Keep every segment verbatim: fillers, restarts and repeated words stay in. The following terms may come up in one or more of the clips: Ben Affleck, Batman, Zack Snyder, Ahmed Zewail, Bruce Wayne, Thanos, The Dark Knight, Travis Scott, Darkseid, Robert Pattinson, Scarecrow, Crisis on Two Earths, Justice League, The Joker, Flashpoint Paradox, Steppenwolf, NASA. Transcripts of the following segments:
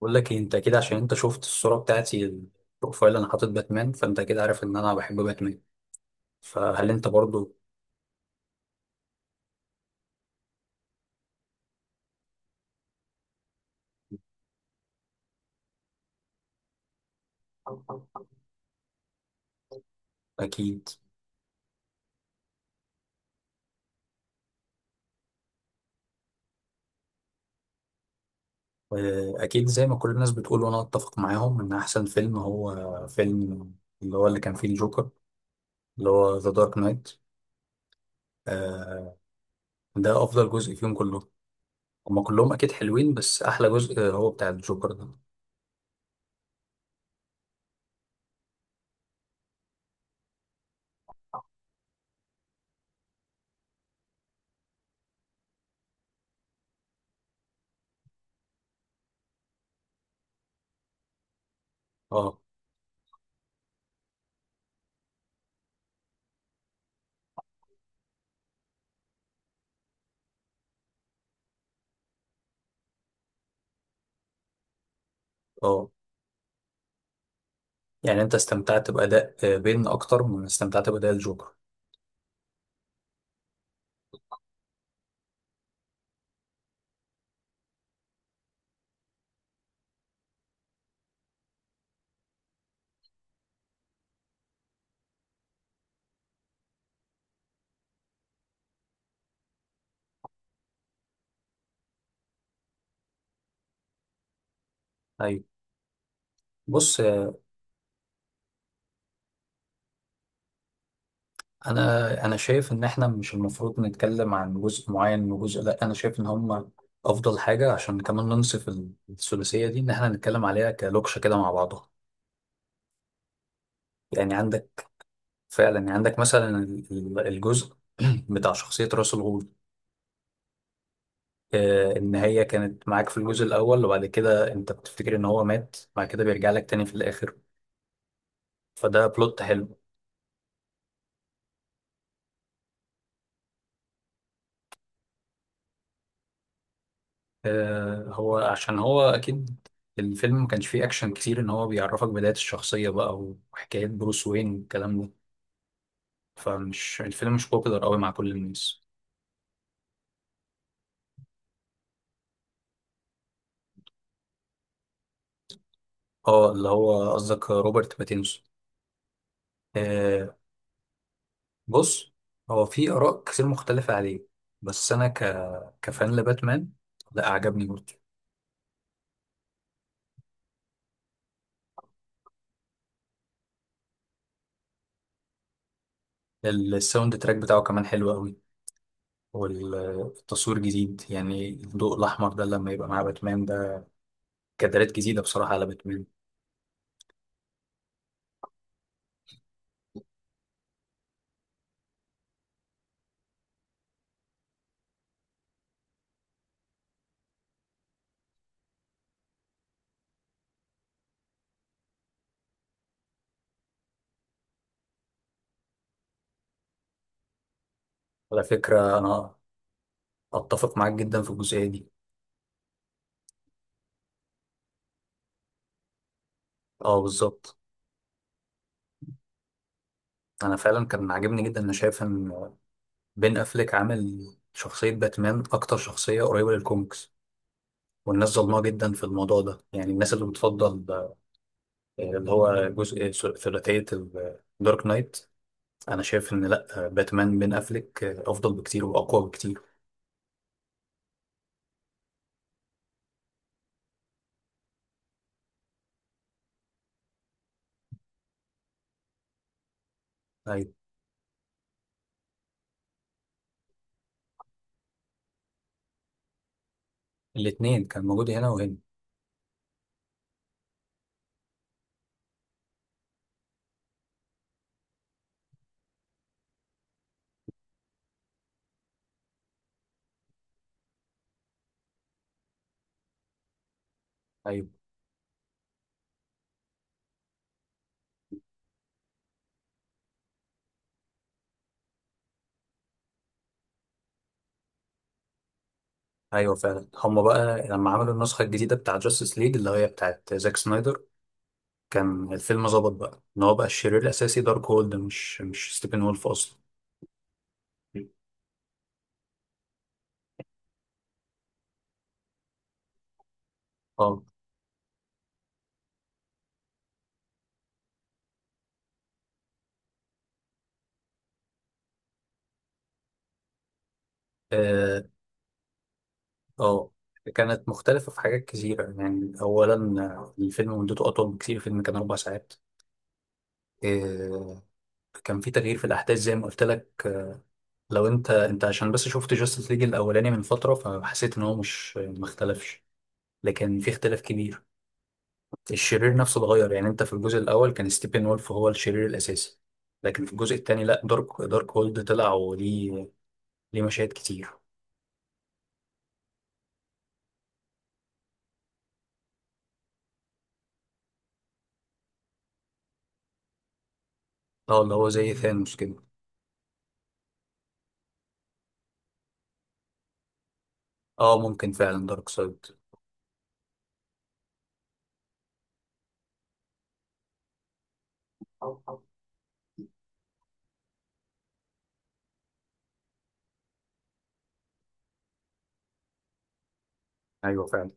بقول لك إيه، انت كده عشان انت شفت الصورة بتاعتي، البروفايل. انا حاطط باتمان، فانت كده عارف ان انا بحب باتمان. فهل انت برضو؟ اكيد. آه، اكيد زي ما كل الناس بتقول، وانا اتفق معاهم ان احسن فيلم هو فيلم اللي هو اللي كان فيه الجوكر، اللي هو ذا دارك نايت. ده افضل جزء فيهم كلهم. هما كلهم اكيد حلوين، بس احلى جزء هو بتاع الجوكر ده. اه. اه، يعني انت استمتعت باداء آه، بين اكتر من استمتعت باداء الجوكر؟ ايوه. بص، انا انا شايف ان احنا مش المفروض نتكلم عن جزء معين وجزء لا، انا شايف ان هم افضل حاجه عشان كمان ننصف الثلاثيه دي، ان احنا نتكلم عليها كلوكشه كده مع بعضها. يعني عندك فعلا، يعني عندك مثلا ال- ال- الجزء بتاع شخصيه راس الغول، آه، ان هي كانت معاك في الجزء الاول، وبعد كده انت بتفتكر ان هو مات، بعد كده بيرجع لك تاني في الاخر. فده بلوت حلو. آه، هو عشان هو اكيد الفيلم ما كانش فيه اكشن كتير، ان هو بيعرفك بداية الشخصية بقى وحكايات بروس وين والكلام ده. فمش الفيلم مش بوبيلر قوي مع كل الناس. اه. اللي هو قصدك روبرت باتينسون؟ آه. بص، هو في اراء كتير مختلفة عليه، بس انا ك كفان لباتمان. لا، عجبني برضه. الساوند تراك بتاعه كمان حلو قوي، والتصوير جديد، يعني الضوء الاحمر ده لما يبقى مع باتمان ده، كادرات جديدة بصراحة على باتمان. على فكرة أنا اتفق معاك جدا في الجزئيه دي. اه، بالظبط. انا فعلا كان عاجبني جدا. انا شايف ان بين افليك عامل شخصيه باتمان اكتر شخصيه قريبه للكوميكس، والناس ظلمها جدا في الموضوع ده. يعني الناس اللي بتفضل آه، اللي هو جزء ثل- ثلاثيه الدارك نايت. انا شايف ان لا، آه، باتمان بين افليك آه، افضل بكتير واقوى بكتير. ايوه. الاثنين كان موجود هنا وهنا. ايوه، ايوه. فعلا هم بقى لما عملوا النسخه الجديده بتاع جاستس ليج اللي هي بتاعت زاك سنايدر، كان الفيلم ظبط بقى ان هو بقى الشرير الاساسي دارك هولد، مش مش ستيفن وولف اصلا. اه، اه. آه. كانت مختلفة في حاجات كثيرة. يعني أولا آه، الفيلم مدته أطول بكثير، الفيلم كان أربع ساعات. آه، كان في تغيير في الأحداث زي ما قلت لك. لو أنت أنت عشان بس شفت جاستس ليج الأولاني من فترة، فحسيت إن هو مش، ما اختلفش، لكن في اختلاف كبير. الشرير نفسه اتغير. يعني أنت في الجزء الأول كان ستيفن وولف هو الشرير الأساسي، لكن في الجزء الثاني لا، دارك دارك هولد طلع، وليه ليه مشاهد كتير. اه. اللي هو زي ثانوس كده. اه، ممكن فعلا دارك سايد. ايوه فعلا.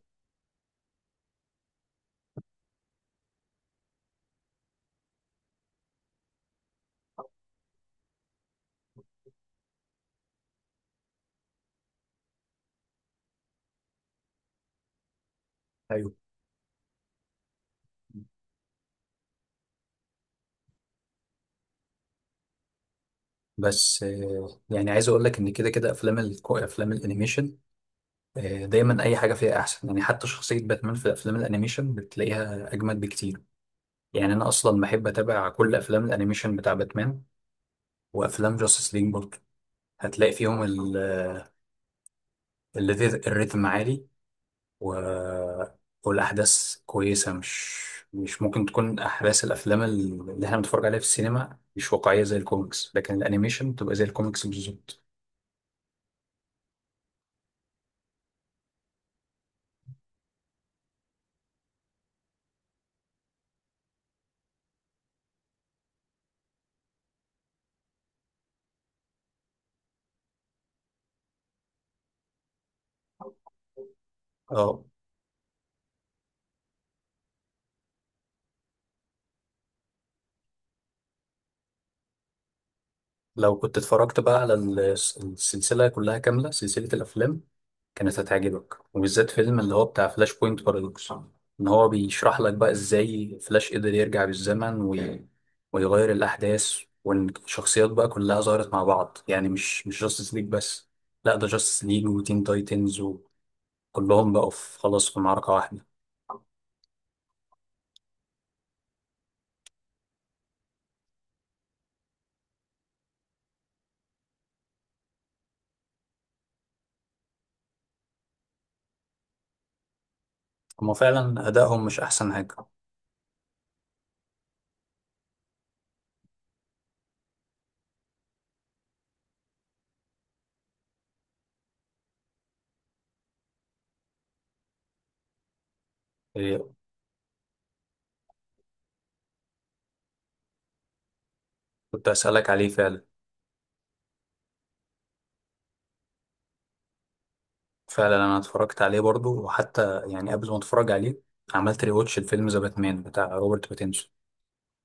ايوه. بس آه، يعني عايز اقول لك ان كده كده افلام الكو... افلام الانيميشن آه، دايما اي حاجه فيها احسن. يعني حتى شخصيه باتمان في الافلام الانيميشن بتلاقيها اجمد بكتير. يعني انا اصلا بحب اتابع كل افلام الانيميشن بتاع باتمان وافلام جاستس ليج برضه. هتلاقي فيهم ال... ال- الريتم عالي، و... والأحداث كويسة. مش مش ممكن تكون أحداث الأفلام اللي احنا بنتفرج عليها في السينما مش واقعية زي الكوميكس، لكن الأنيميشن بتبقى زي الكوميكس بالظبط. اه، لو كنت اتفرجت بقى على ال- السلسلة كلها كاملة، سلسلة الأفلام، كانت هتعجبك، وبالذات فيلم اللي هو بتاع فلاش بوينت بارادوكس. إن هو بيشرح لك بقى إزاي فلاش قدر يرجع بالزمن وي... ويغير الأحداث، وإن الشخصيات بقى كلها ظهرت مع بعض، يعني مش مش جاستس ليج بس، لا، ده جاستس ليج وتين تايتنز، وكلهم بقوا في، خلاص، في معركة واحدة. هما فعلا أدائهم مش أحسن حاجة. إيه، كنت أسألك عليه فعلا. فعلا انا اتفرجت عليه برضو، وحتى يعني قبل ما اتفرج عليه عملت ريواتش الفيلم ذا باتمان بتاع روبرت باتينسون.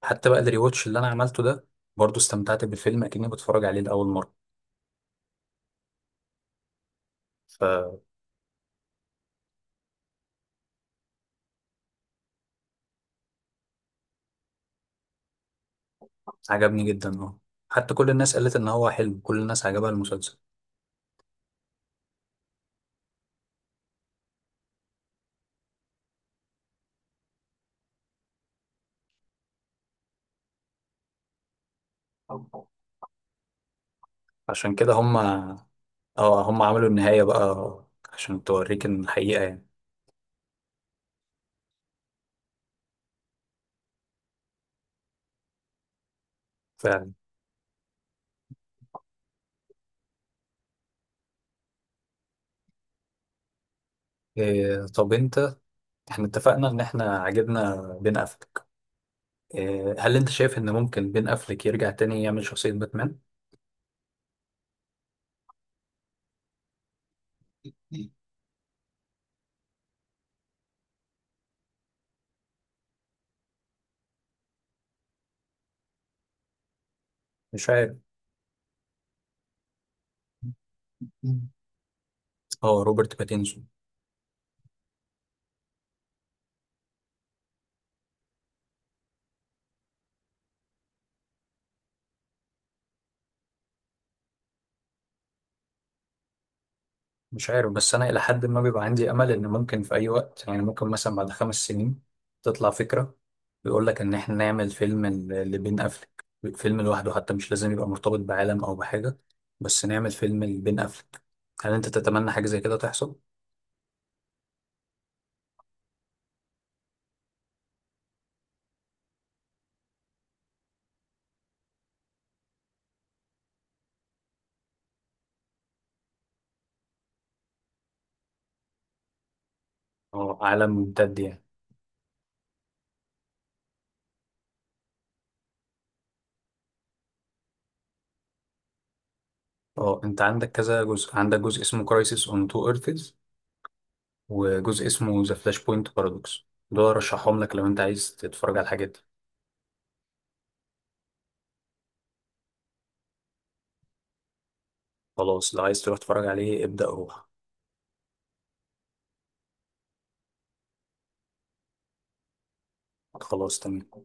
حتى بقى الريواتش اللي انا عملته ده، برضو استمتعت بالفيلم اكني بتفرج عليه لاول مره، فعجبني جدا. اه، حتى كل الناس قالت ان هو حلو، كل الناس عجبها المسلسل. عشان كده هم. اه، هم عملوا النهايه بقى عشان توريك إن الحقيقه يعني. فعلا. إيه، طب انت، احنا اتفقنا ان احنا عجبنا بين افلك. إيه، هل انت شايف ان ممكن بين افلك يرجع تاني يعمل شخصيه باتمان؟ مش عارف. اه، روبرت باتينسون. مش عارف، بس انا الى حد ما بيبقى عندي امل ان ممكن في اي وقت، يعني ممكن مثلا بعد خمس سنين تطلع فكره بيقول لك ان احنا نعمل فيلم ل- لبين افلك، فيلم لوحده، حتى مش لازم يبقى مرتبط بعالم او بحاجه، بس نعمل فيلم لبين افلك. هل انت تتمنى حاجه زي كده تحصل؟ اه، عالم ممتد يعني. اه، انت عندك كذا جزء، عندك جزء اسمه كرايسيس اون تو ايرثز، وجزء اسمه ذا فلاش بوينت بارادوكس. دول رشحهم لك لو انت عايز تتفرج على الحاجات دي. خلاص، لو عايز تروح تتفرج عليه ابدأ، روح. خلاص تمام.